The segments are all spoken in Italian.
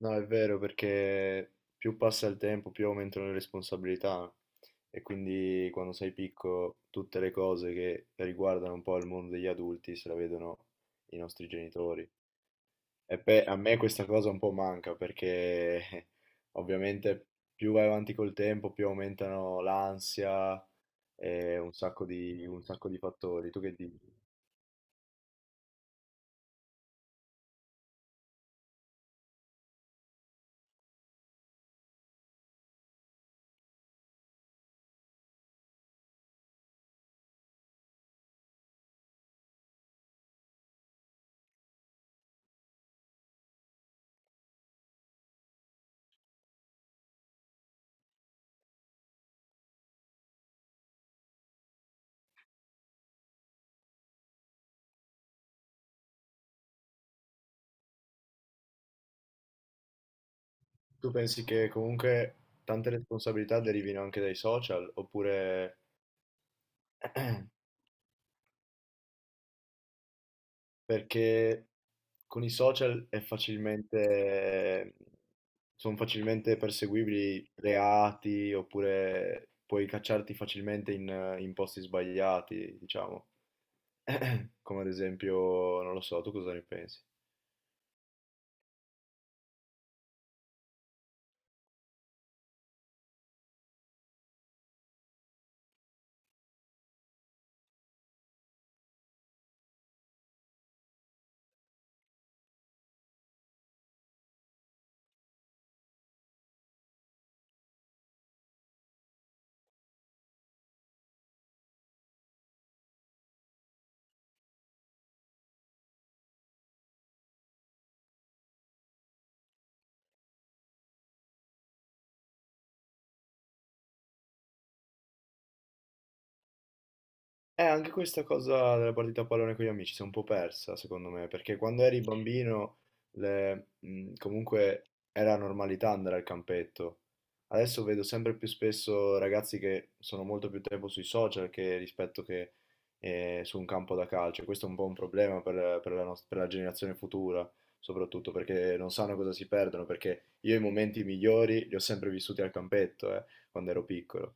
No, è vero perché più passa il tempo, più aumentano le responsabilità e quindi quando sei piccolo tutte le cose che riguardano un po' il mondo degli adulti se la vedono i nostri genitori. A me questa cosa un po' manca perché ovviamente più vai avanti col tempo, più aumentano l'ansia e un sacco di fattori. Tu che dici? Tu pensi che comunque tante responsabilità derivino anche dai social oppure... Perché con i social è facilmente, sono facilmente perseguibili reati oppure puoi cacciarti facilmente in posti sbagliati, diciamo. Come ad esempio, non lo so, tu cosa ne pensi? Anche questa cosa della partita a pallone con gli amici si è un po' persa, secondo me, perché quando eri bambino comunque era normalità andare al campetto. Adesso vedo sempre più spesso ragazzi che sono molto più tempo sui social che rispetto che su un campo da calcio. Questo è un po' un problema per la per la generazione futura, soprattutto perché non sanno cosa si perdono, perché io i momenti migliori li ho sempre vissuti al campetto, quando ero piccolo.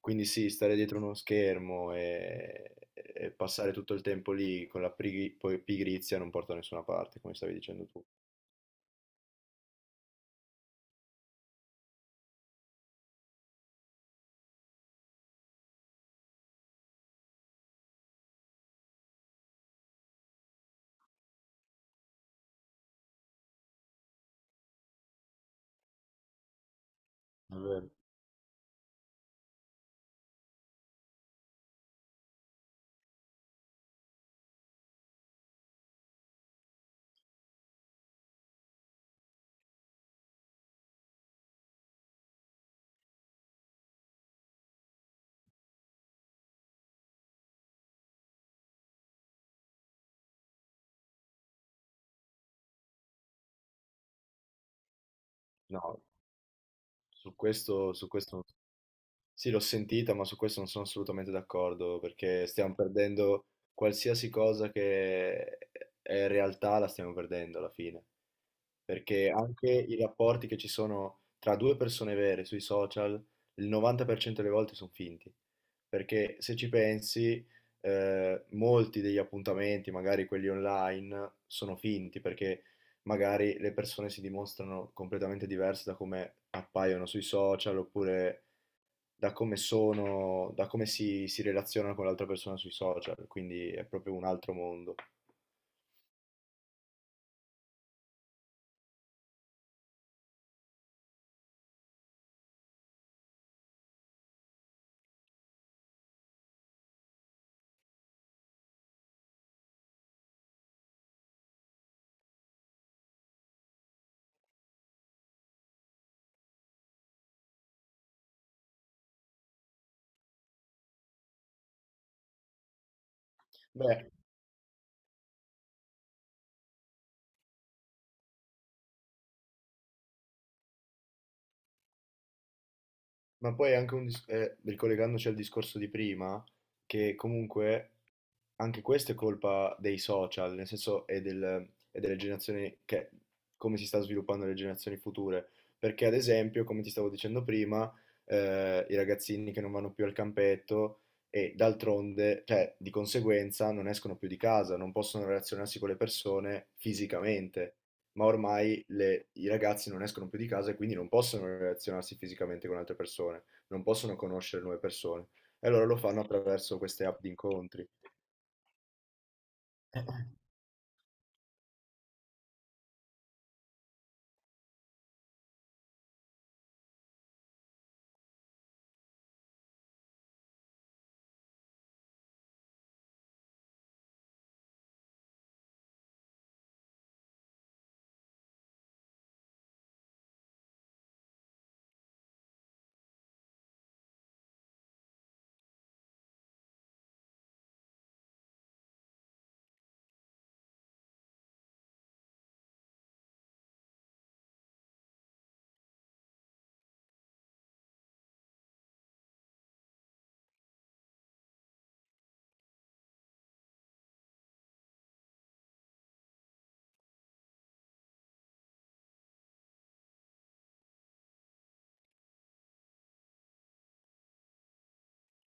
Quindi sì, stare dietro uno schermo e passare tutto il tempo lì con la pigri- poi pigrizia non porta da nessuna parte, come stavi dicendo tu. Davvero? No, su questo, sì, l'ho sentita, ma su questo non sono assolutamente d'accordo, perché stiamo perdendo qualsiasi cosa che è realtà, la stiamo perdendo alla fine. Perché anche i rapporti che ci sono tra due persone vere sui social, il 90% delle volte sono finti. Perché se ci pensi, molti degli appuntamenti, magari quelli online, sono finti perché magari le persone si dimostrano completamente diverse da come appaiono sui social oppure da come si relazionano con l'altra persona sui social. Quindi è proprio un altro mondo. Beh, ma poi è anche un ricollegandoci al discorso di prima, che comunque anche questo è colpa dei social, nel senso e delle generazioni che, come si sta sviluppando le generazioni future. Perché, ad esempio, come ti stavo dicendo prima, i ragazzini che non vanno più al campetto e d'altronde, cioè di conseguenza, non escono più di casa, non possono relazionarsi con le persone fisicamente. Ma ormai i ragazzi non escono più di casa e quindi non possono relazionarsi fisicamente con altre persone, non possono conoscere nuove persone. E allora lo fanno attraverso queste app di incontri.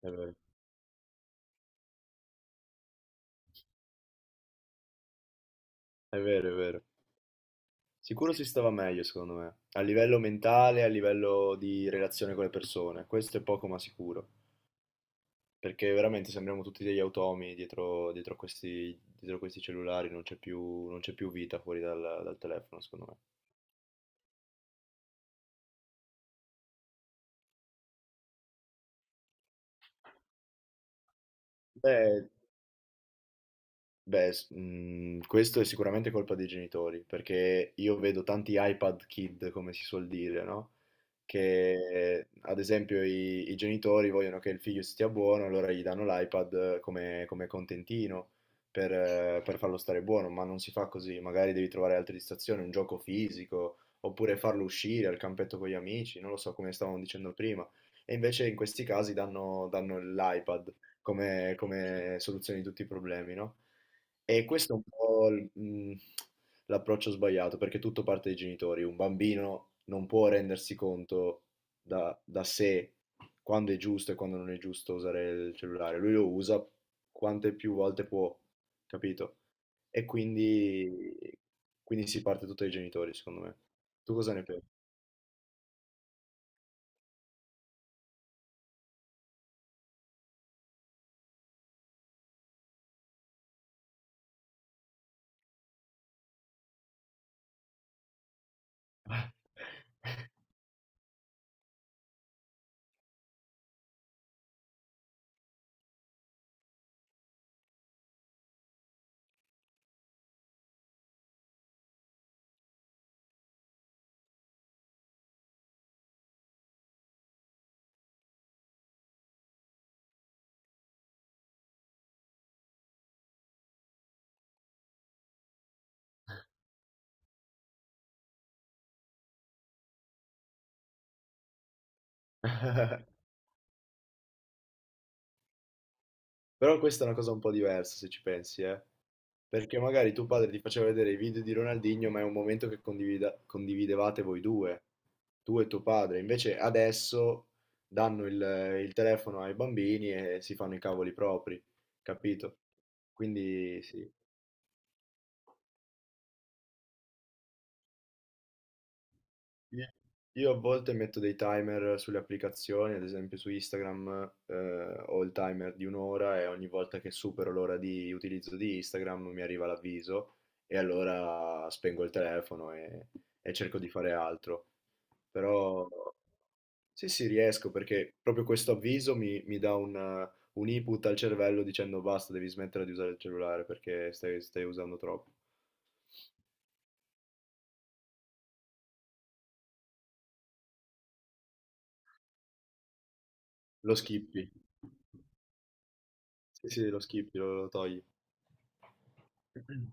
Eh, È vero, è vero. Sicuro si stava meglio, secondo me, a livello mentale, a livello di relazione con le persone. Questo è poco ma sicuro, perché veramente sembriamo tutti degli automi dietro dietro questi cellulari, non c'è più vita dal telefono, secondo me. Beh, beh, questo è sicuramente colpa dei genitori, perché io vedo tanti iPad kid, come si suol dire, no? Che ad esempio i genitori vogliono che il figlio stia buono, allora gli danno l'iPad come contentino per farlo stare buono, ma non si fa così, magari devi trovare altre distrazioni, un gioco fisico, oppure farlo uscire al campetto con gli amici, non lo so come stavamo dicendo prima. E invece in questi casi danno l'iPad come soluzione di tutti i problemi, no? E questo è un po' il- l'approccio sbagliato, perché tutto parte dai genitori. Un bambino non può rendersi conto da sé quando è giusto e quando non è giusto usare il cellulare. Lui lo usa quante più volte può, capito? E quindi, quindi si parte tutto dai genitori, secondo me. Tu cosa ne pensi? Però questa è una cosa un po' diversa se ci pensi, eh. Perché magari tuo padre ti faceva vedere i video di Ronaldinho, ma è un momento che condividevate voi due, tu e tuo padre. Invece adesso danno il telefono ai bambini e si fanno i cavoli propri, capito? Quindi sì. Io io a volte metto dei timer sulle applicazioni, ad esempio su Instagram, ho il timer di un'ora e ogni volta che supero l'ora di utilizzo di Instagram mi arriva l'avviso e allora spengo il telefono e cerco di fare altro. Però sì, sì, riesco perché proprio questo avviso mi dà un input al cervello dicendo basta, devi smettere di usare il cellulare perché stai usando troppo. Lo skippi. Sì, sì, lo skippi, lo togli.